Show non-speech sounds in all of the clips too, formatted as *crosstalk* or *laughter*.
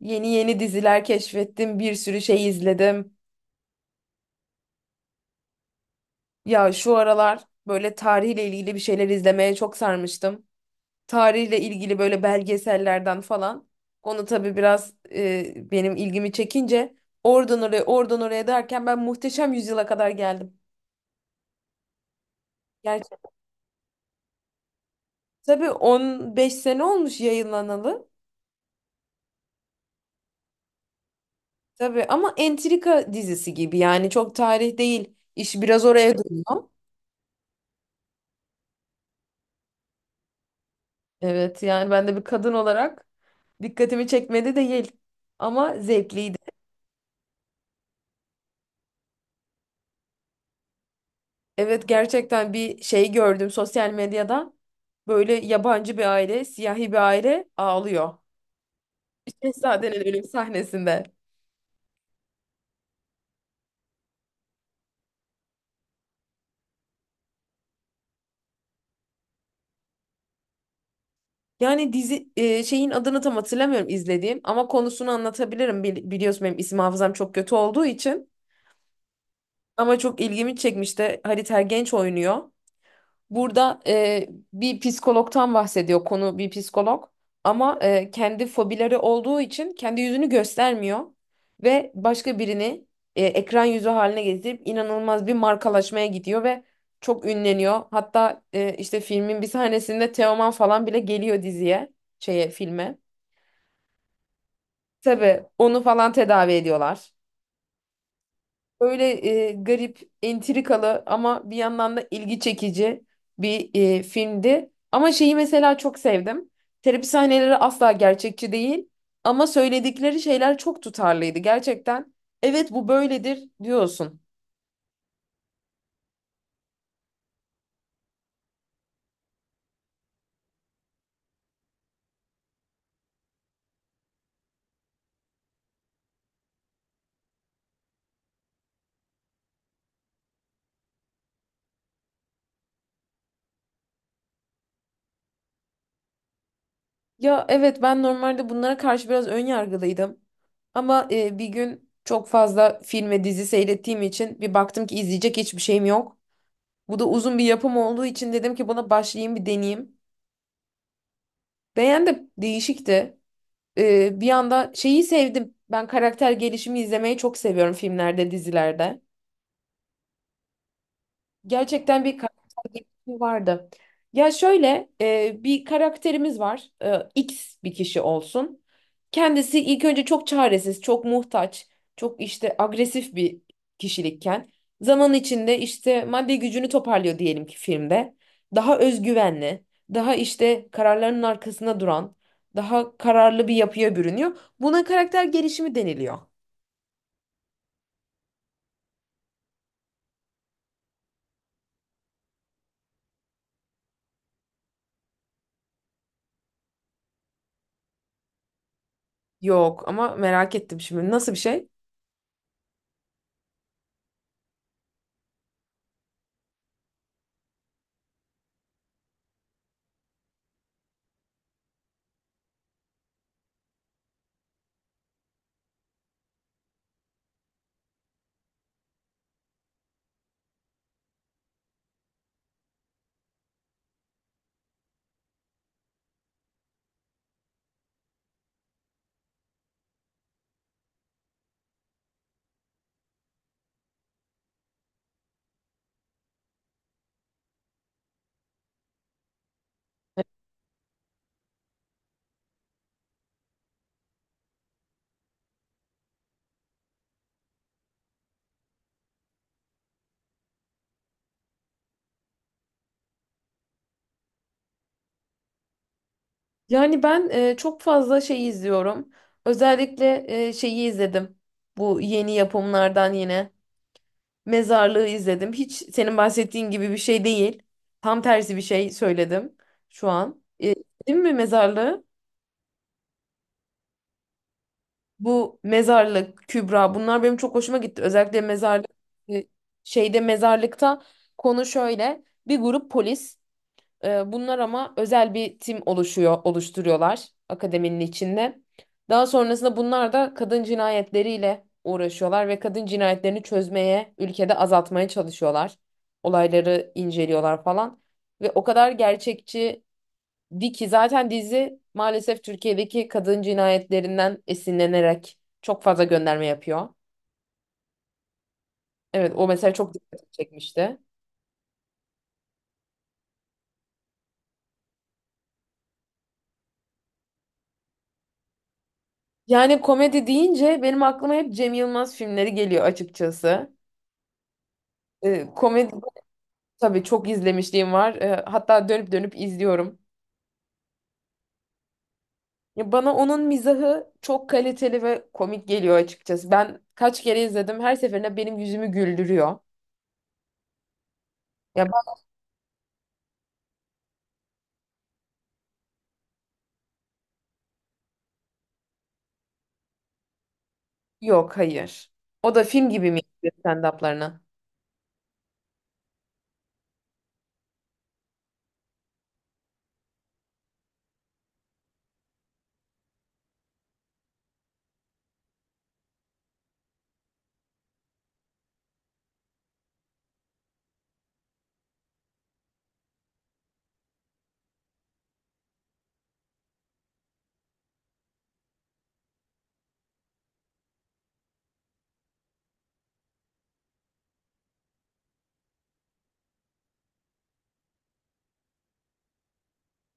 Yeni yeni diziler keşfettim, bir sürü şey izledim. Ya şu aralar böyle tarihle ilgili bir şeyler izlemeye çok sarmıştım. Tarihle ilgili böyle belgesellerden falan. Onu tabii biraz benim ilgimi çekince oradan oraya oradan oraya derken ben Muhteşem Yüzyıla kadar geldim. Gerçi tabii 15 sene olmuş yayınlanalı. Tabii ama entrika dizisi gibi yani çok tarih değil. İş biraz oraya dönüyor. Evet, yani ben de bir kadın olarak dikkatimi çekmedi değil ama zevkliydi. Evet, gerçekten bir şey gördüm sosyal medyada. Böyle yabancı bir aile, siyahi bir aile ağlıyor. Şehzadenin ölüm sahnesinde. Yani dizi şeyin adını tam hatırlamıyorum izlediğim ama konusunu anlatabilirim. Biliyorsun benim isim hafızam çok kötü olduğu için. Ama çok ilgimi çekmişti. Halit Ergenç oynuyor. Burada bir psikologtan bahsediyor konu bir psikolog ama kendi fobileri olduğu için kendi yüzünü göstermiyor ve başka birini ekran yüzü haline getirip inanılmaz bir markalaşmaya gidiyor ve çok ünleniyor. Hatta işte filmin bir sahnesinde Teoman falan bile geliyor diziye, şeye filme. Tabii onu falan tedavi ediyorlar. Öyle garip, entrikalı ama bir yandan da ilgi çekici bir filmdi. Ama şeyi mesela çok sevdim. Terapi sahneleri asla gerçekçi değil ama söyledikleri şeyler çok tutarlıydı gerçekten. Evet, bu böyledir diyorsun. Ya evet, ben normalde bunlara karşı biraz ön yargılıydım. Ama bir gün çok fazla film ve dizi seyrettiğim için bir baktım ki izleyecek hiçbir şeyim yok. Bu da uzun bir yapım olduğu için dedim ki buna başlayayım bir deneyeyim. Beğendim, değişikti. Bir anda şeyi sevdim. Ben karakter gelişimi izlemeyi çok seviyorum filmlerde, dizilerde. Gerçekten bir karakter gelişimi vardı. Ya şöyle, bir karakterimiz var. E, X bir kişi olsun. Kendisi ilk önce çok çaresiz, çok muhtaç, çok işte agresif bir kişilikken zaman içinde işte maddi gücünü toparlıyor diyelim ki filmde. Daha özgüvenli, daha işte kararlarının arkasında duran, daha kararlı bir yapıya bürünüyor. Buna karakter gelişimi deniliyor. Yok ama merak ettim şimdi, nasıl bir şey? Yani ben çok fazla şey izliyorum. Özellikle şeyi izledim. Bu yeni yapımlardan yine. Mezarlığı izledim. Hiç senin bahsettiğin gibi bir şey değil. Tam tersi bir şey söyledim şu an. E, değil mi Mezarlığı? Bu Mezarlık, Kübra, bunlar benim çok hoşuma gitti. Özellikle Mezarlık e, şeyde Mezarlık'ta konu şöyle. Bir grup polis. Bunlar ama özel bir tim oluşuyor, oluşturuyorlar akademinin içinde. Daha sonrasında bunlar da kadın cinayetleriyle uğraşıyorlar ve kadın cinayetlerini çözmeye, ülkede azaltmaya çalışıyorlar. Olayları inceliyorlar falan. Ve o kadar gerçekçi di ki zaten dizi, maalesef Türkiye'deki kadın cinayetlerinden esinlenerek çok fazla gönderme yapıyor. Evet, o mesela çok dikkat çekmişti. Yani komedi deyince benim aklıma hep Cem Yılmaz filmleri geliyor açıkçası. E, komedi tabii çok izlemişliğim var. E, hatta dönüp dönüp izliyorum. Ya bana onun mizahı çok kaliteli ve komik geliyor açıkçası. Ben kaç kere izledim, her seferinde benim yüzümü güldürüyor. Ya ben, yok, hayır. O da film gibi mi izliyor stand-up'larını?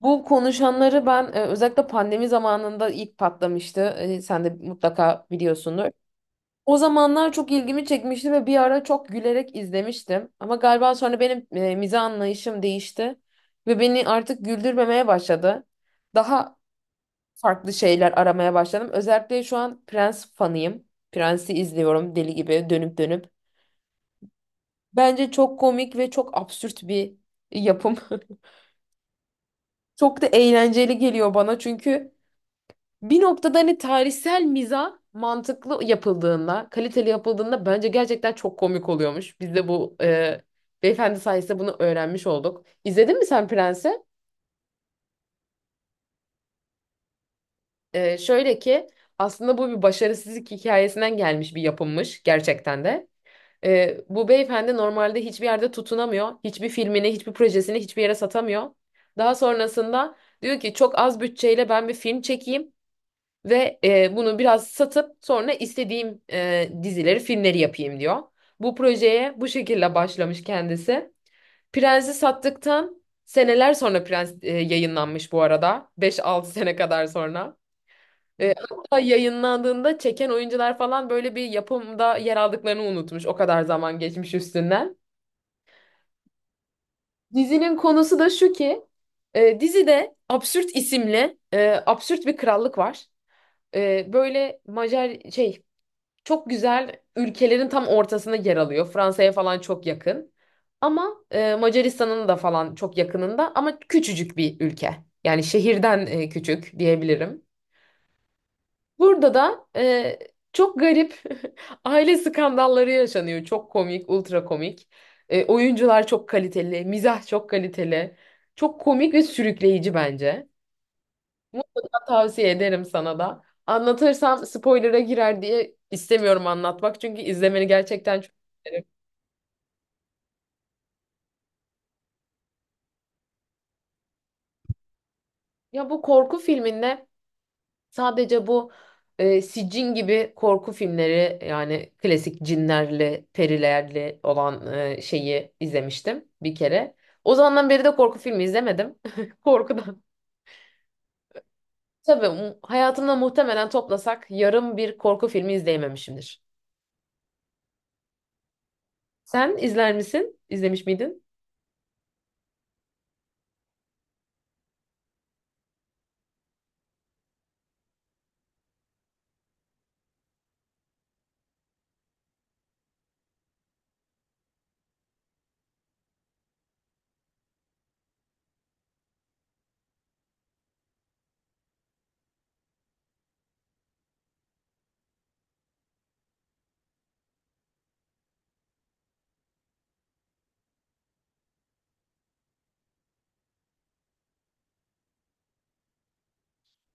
Bu konuşanları ben özellikle pandemi zamanında ilk patlamıştı. E, sen de mutlaka biliyorsundur. O zamanlar çok ilgimi çekmişti ve bir ara çok gülerek izlemiştim. Ama galiba sonra benim mizah anlayışım değişti ve beni artık güldürmemeye başladı. Daha farklı şeyler aramaya başladım. Özellikle şu an Prens fanıyım. Prens'i izliyorum deli gibi dönüp dönüp. Bence çok komik ve çok absürt bir yapım. *laughs* Çok da eğlenceli geliyor bana, çünkü bir noktada hani tarihsel mizah mantıklı yapıldığında, kaliteli yapıldığında bence gerçekten çok komik oluyormuş. Biz de bu beyefendi sayesinde bunu öğrenmiş olduk. İzledin mi sen Prens'i? E, şöyle ki aslında bu bir başarısızlık hikayesinden gelmiş bir yapımmış gerçekten de. E, bu beyefendi normalde hiçbir yerde tutunamıyor. Hiçbir filmini, hiçbir projesini hiçbir yere satamıyor. Daha sonrasında diyor ki çok az bütçeyle ben bir film çekeyim. Ve bunu biraz satıp sonra istediğim dizileri, filmleri yapayım diyor. Bu projeye bu şekilde başlamış kendisi. Prens'i sattıktan seneler sonra Prens yayınlanmış bu arada, 5-6 sene kadar sonra. E, hatta yayınlandığında çeken oyuncular falan böyle bir yapımda yer aldıklarını unutmuş. O kadar zaman geçmiş üstünden. Dizinin konusu da şu ki dizide Absürt isimli absürt bir krallık var. E, böyle Macar şey. Çok güzel ülkelerin tam ortasında yer alıyor. Fransa'ya falan çok yakın. Ama Macaristan'ın da falan çok yakınında ama küçücük bir ülke. Yani şehirden küçük diyebilirim. Burada da çok garip *laughs* aile skandalları yaşanıyor. Çok komik, ultra komik. E, oyuncular çok kaliteli, mizah çok kaliteli. Çok komik ve sürükleyici bence. Mutlaka tavsiye ederim sana da. Anlatırsam spoiler'a girer diye istemiyorum anlatmak. Çünkü izlemeni gerçekten çok isterim. Ya bu korku filminde sadece bu Sicin gibi korku filmleri, yani klasik cinlerle, perilerle olan şeyi izlemiştim bir kere. O zamandan beri de korku filmi izlemedim. *laughs* Korkudan. Tabii hayatımda muhtemelen toplasak yarım bir korku filmi izleyememişimdir. Sen izler misin? İzlemiş miydin?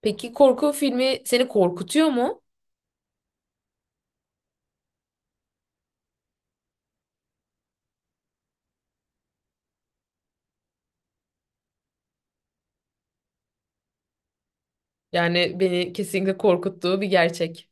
Peki korku filmi seni korkutuyor mu? Yani beni kesinlikle korkuttuğu bir gerçek.